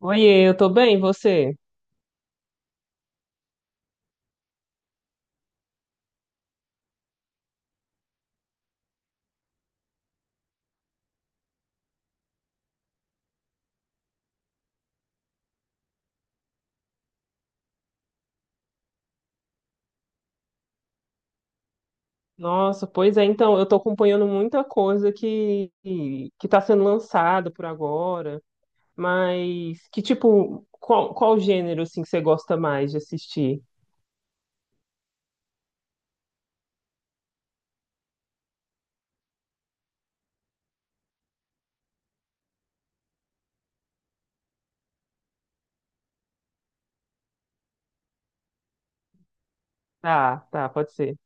Oiê, eu tô bem, e você? Nossa, pois é, então, eu tô acompanhando muita coisa que tá sendo lançada por agora, mas que tipo, qual gênero assim que você gosta mais de assistir? Tá, pode ser.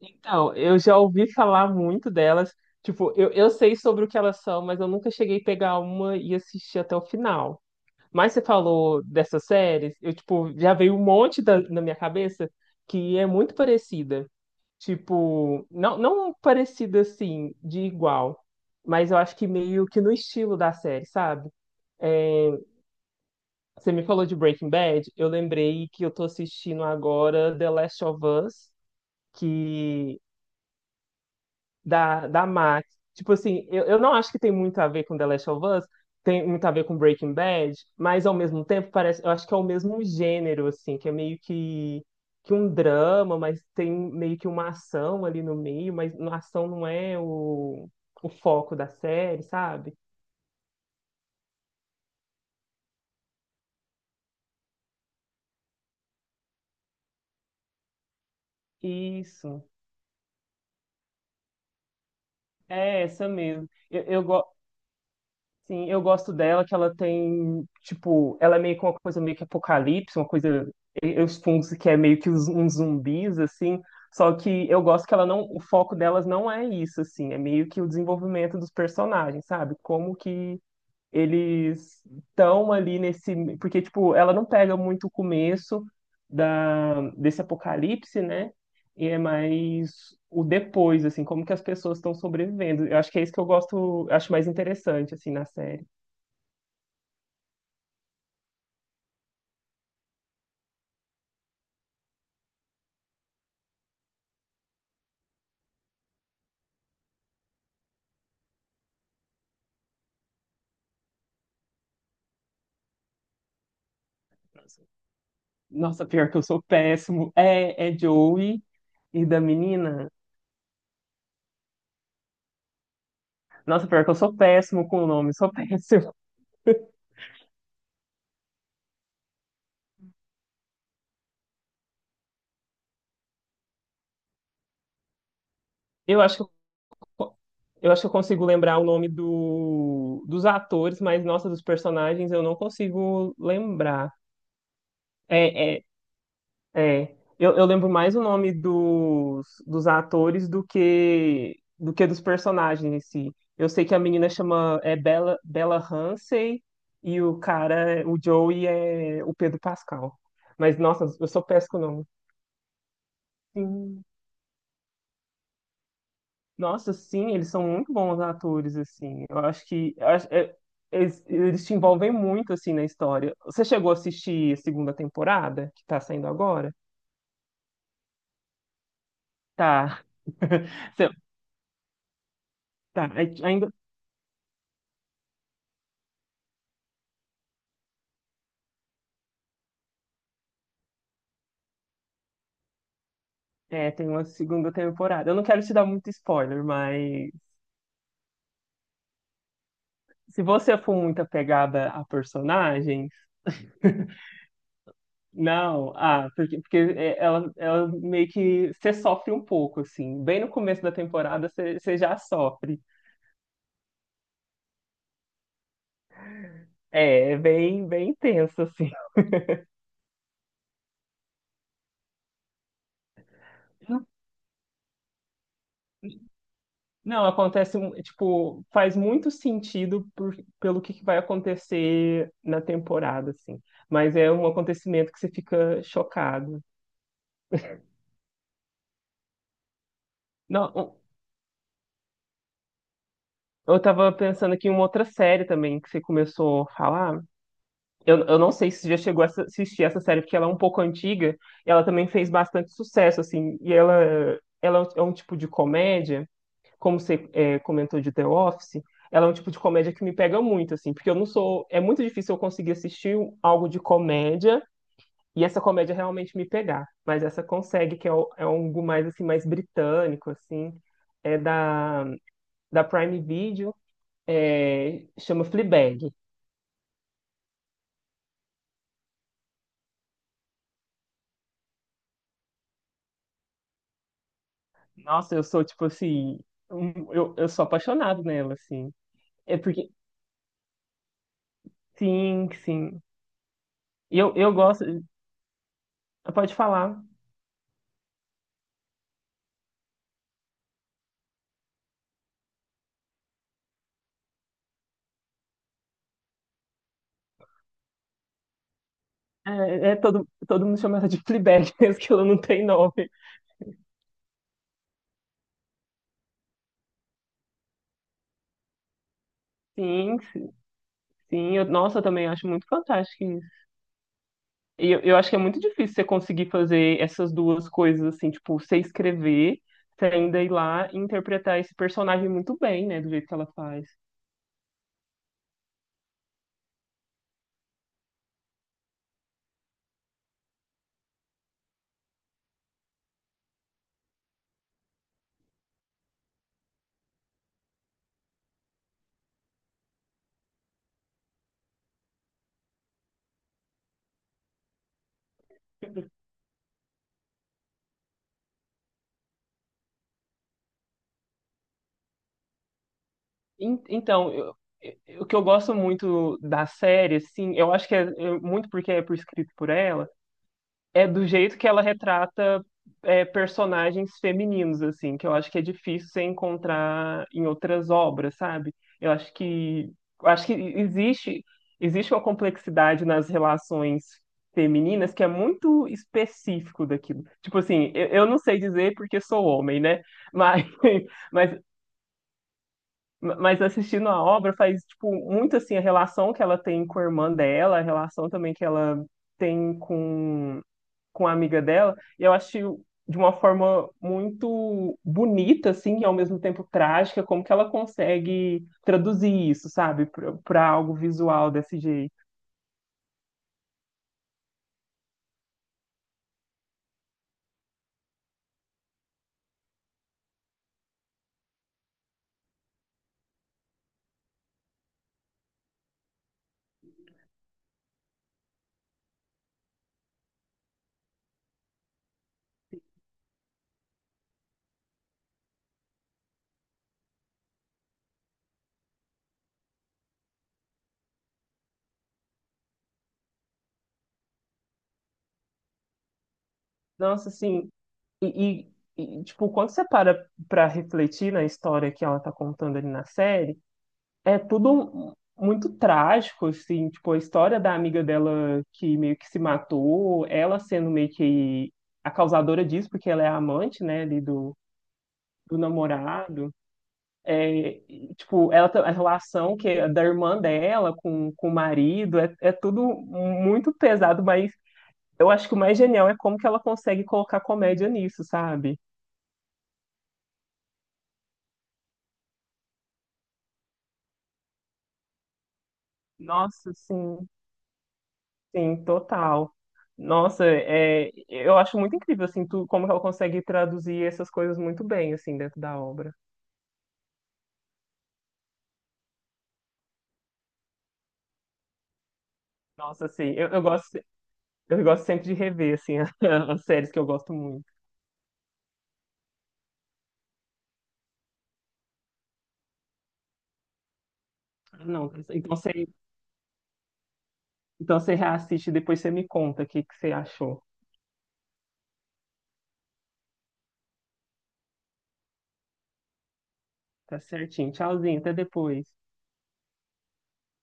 Então, eu já ouvi falar muito delas. Tipo, eu sei sobre o que elas são, mas eu nunca cheguei a pegar uma e assistir até o final. Mas você falou dessas séries, eu, tipo, já veio um monte na minha cabeça que é muito parecida. Tipo, não parecida assim, de igual, mas eu acho que meio que no estilo da série, sabe? É, você me falou de Breaking Bad, eu lembrei que eu tô assistindo agora The Last of Us, que da Max. Tipo assim, eu não acho que tem muito a ver com The Last of Us, tem muito a ver com Breaking Bad, mas ao mesmo tempo parece, eu acho que é o mesmo gênero, assim, que é meio que um drama, mas tem meio que uma ação ali no meio, mas a ação não é o foco da série, sabe? Isso, é essa mesmo. Sim, eu gosto dela, que ela tem, tipo, ela é meio que uma coisa meio que apocalipse, uma coisa, eu suponho que é meio que uns zumbis, assim, só que eu gosto que ela não, o foco delas não é isso, assim, é meio que o desenvolvimento dos personagens, sabe? Como que eles estão ali nesse. Porque, tipo, ela não pega muito o começo desse apocalipse, né? E é mais o depois, assim, como que as pessoas estão sobrevivendo. Eu acho que é isso que eu gosto, acho mais interessante, assim, na série. Nossa, pior que eu sou péssimo. É, é Joey e da menina. Nossa, pior que eu sou péssimo com o nome, sou péssimo. Eu acho que co- Eu acho que eu consigo lembrar o nome dos atores, mas, nossa, dos personagens eu não consigo lembrar. É, é, é. Eu lembro mais o nome dos atores do que dos personagens em si. Eu sei que a menina chama é Bella Ramsey e o cara, o Joey, é o Pedro Pascal. Mas, nossa, eu sou péssimo com o nome. Nossa, sim, eles são muito bons atores, assim. Eu acho que eu acho- é- Eles te envolvem muito, assim, na história. Você chegou a assistir a segunda temporada, que tá saindo agora? Tá. Você- Tá, aí ainda é, tem uma segunda temporada. Eu não quero te dar muito spoiler, mas se você for muito apegada a personagens, não, ah, porque é, ela meio que você sofre um pouco, assim. Bem no começo da temporada você já sofre. É, é bem intenso, assim. Não, acontece, tipo, faz muito sentido pelo que vai acontecer na temporada, assim. Mas é um acontecimento que você fica chocado. Não, um- eu tava pensando aqui em uma outra série também que você começou a falar. Eu não sei se você já chegou a assistir essa série, porque ela é um pouco antiga e ela também fez bastante sucesso, assim. E ela é é um tipo de comédia. Como você é, comentou de The Office, ela é um tipo de comédia que me pega muito, assim, porque eu não sou. É muito difícil eu conseguir assistir algo de comédia e essa comédia realmente me pegar. Mas essa consegue, que é, é algo mais, assim, mais britânico, assim. É da Prime Video, é, chama Fleabag. Nossa, eu sou, tipo assim. Eu sou apaixonado nela, assim. É porque. Sim. E eu gosto. Pode falar. É, é, todo mundo chama ela de Fleabag, mesmo que ela não tem nome. Sim, sim. Eu, nossa, eu também acho muito fantástico isso. E eu acho que é muito difícil você conseguir fazer essas duas coisas, assim, tipo, você escrever, você ainda ir lá e interpretar esse personagem muito bem, né, do jeito que ela faz. En- Então, eu- o que eu gosto muito da série, assim, eu acho que é muito porque é por escrito por ela, é do jeito que ela retrata é, personagens femininos, assim, que eu acho que é difícil você encontrar em outras obras, sabe? Eu acho que eu acho que existe existe uma complexidade nas relações femininas que é muito específico daquilo. Tipo assim, eu não sei dizer porque sou homem, né? Mas, mas mas assistindo a obra faz tipo muito assim a relação que ela tem com a irmã dela, a relação também que ela tem com a amiga dela, e eu acho de uma forma muito bonita, assim, e ao mesmo tempo trágica, como que ela consegue traduzir isso, sabe, para algo visual desse jeito. Nossa, assim, e, e, tipo, quando você para refletir na história que ela tá contando ali na série, é tudo muito trágico, assim, tipo, a história da amiga dela que meio que se matou, ela sendo meio que a causadora disso, porque ela é a amante, né, ali do, do namorado. É, tipo, a relação que é da irmã dela com o marido é, é tudo muito pesado, mas eu acho que o mais genial é como que ela consegue colocar comédia nisso, sabe? Nossa, sim, total. Nossa, é, eu acho muito incrível, assim, tu, como que ela consegue traduzir essas coisas muito bem, assim, dentro da obra. Nossa, assim, eu gosto sempre de rever, assim, as séries que eu gosto muito. Não, então você, Então você reassiste e depois você me conta o que que você achou. Tá certinho. Tchauzinho, até depois.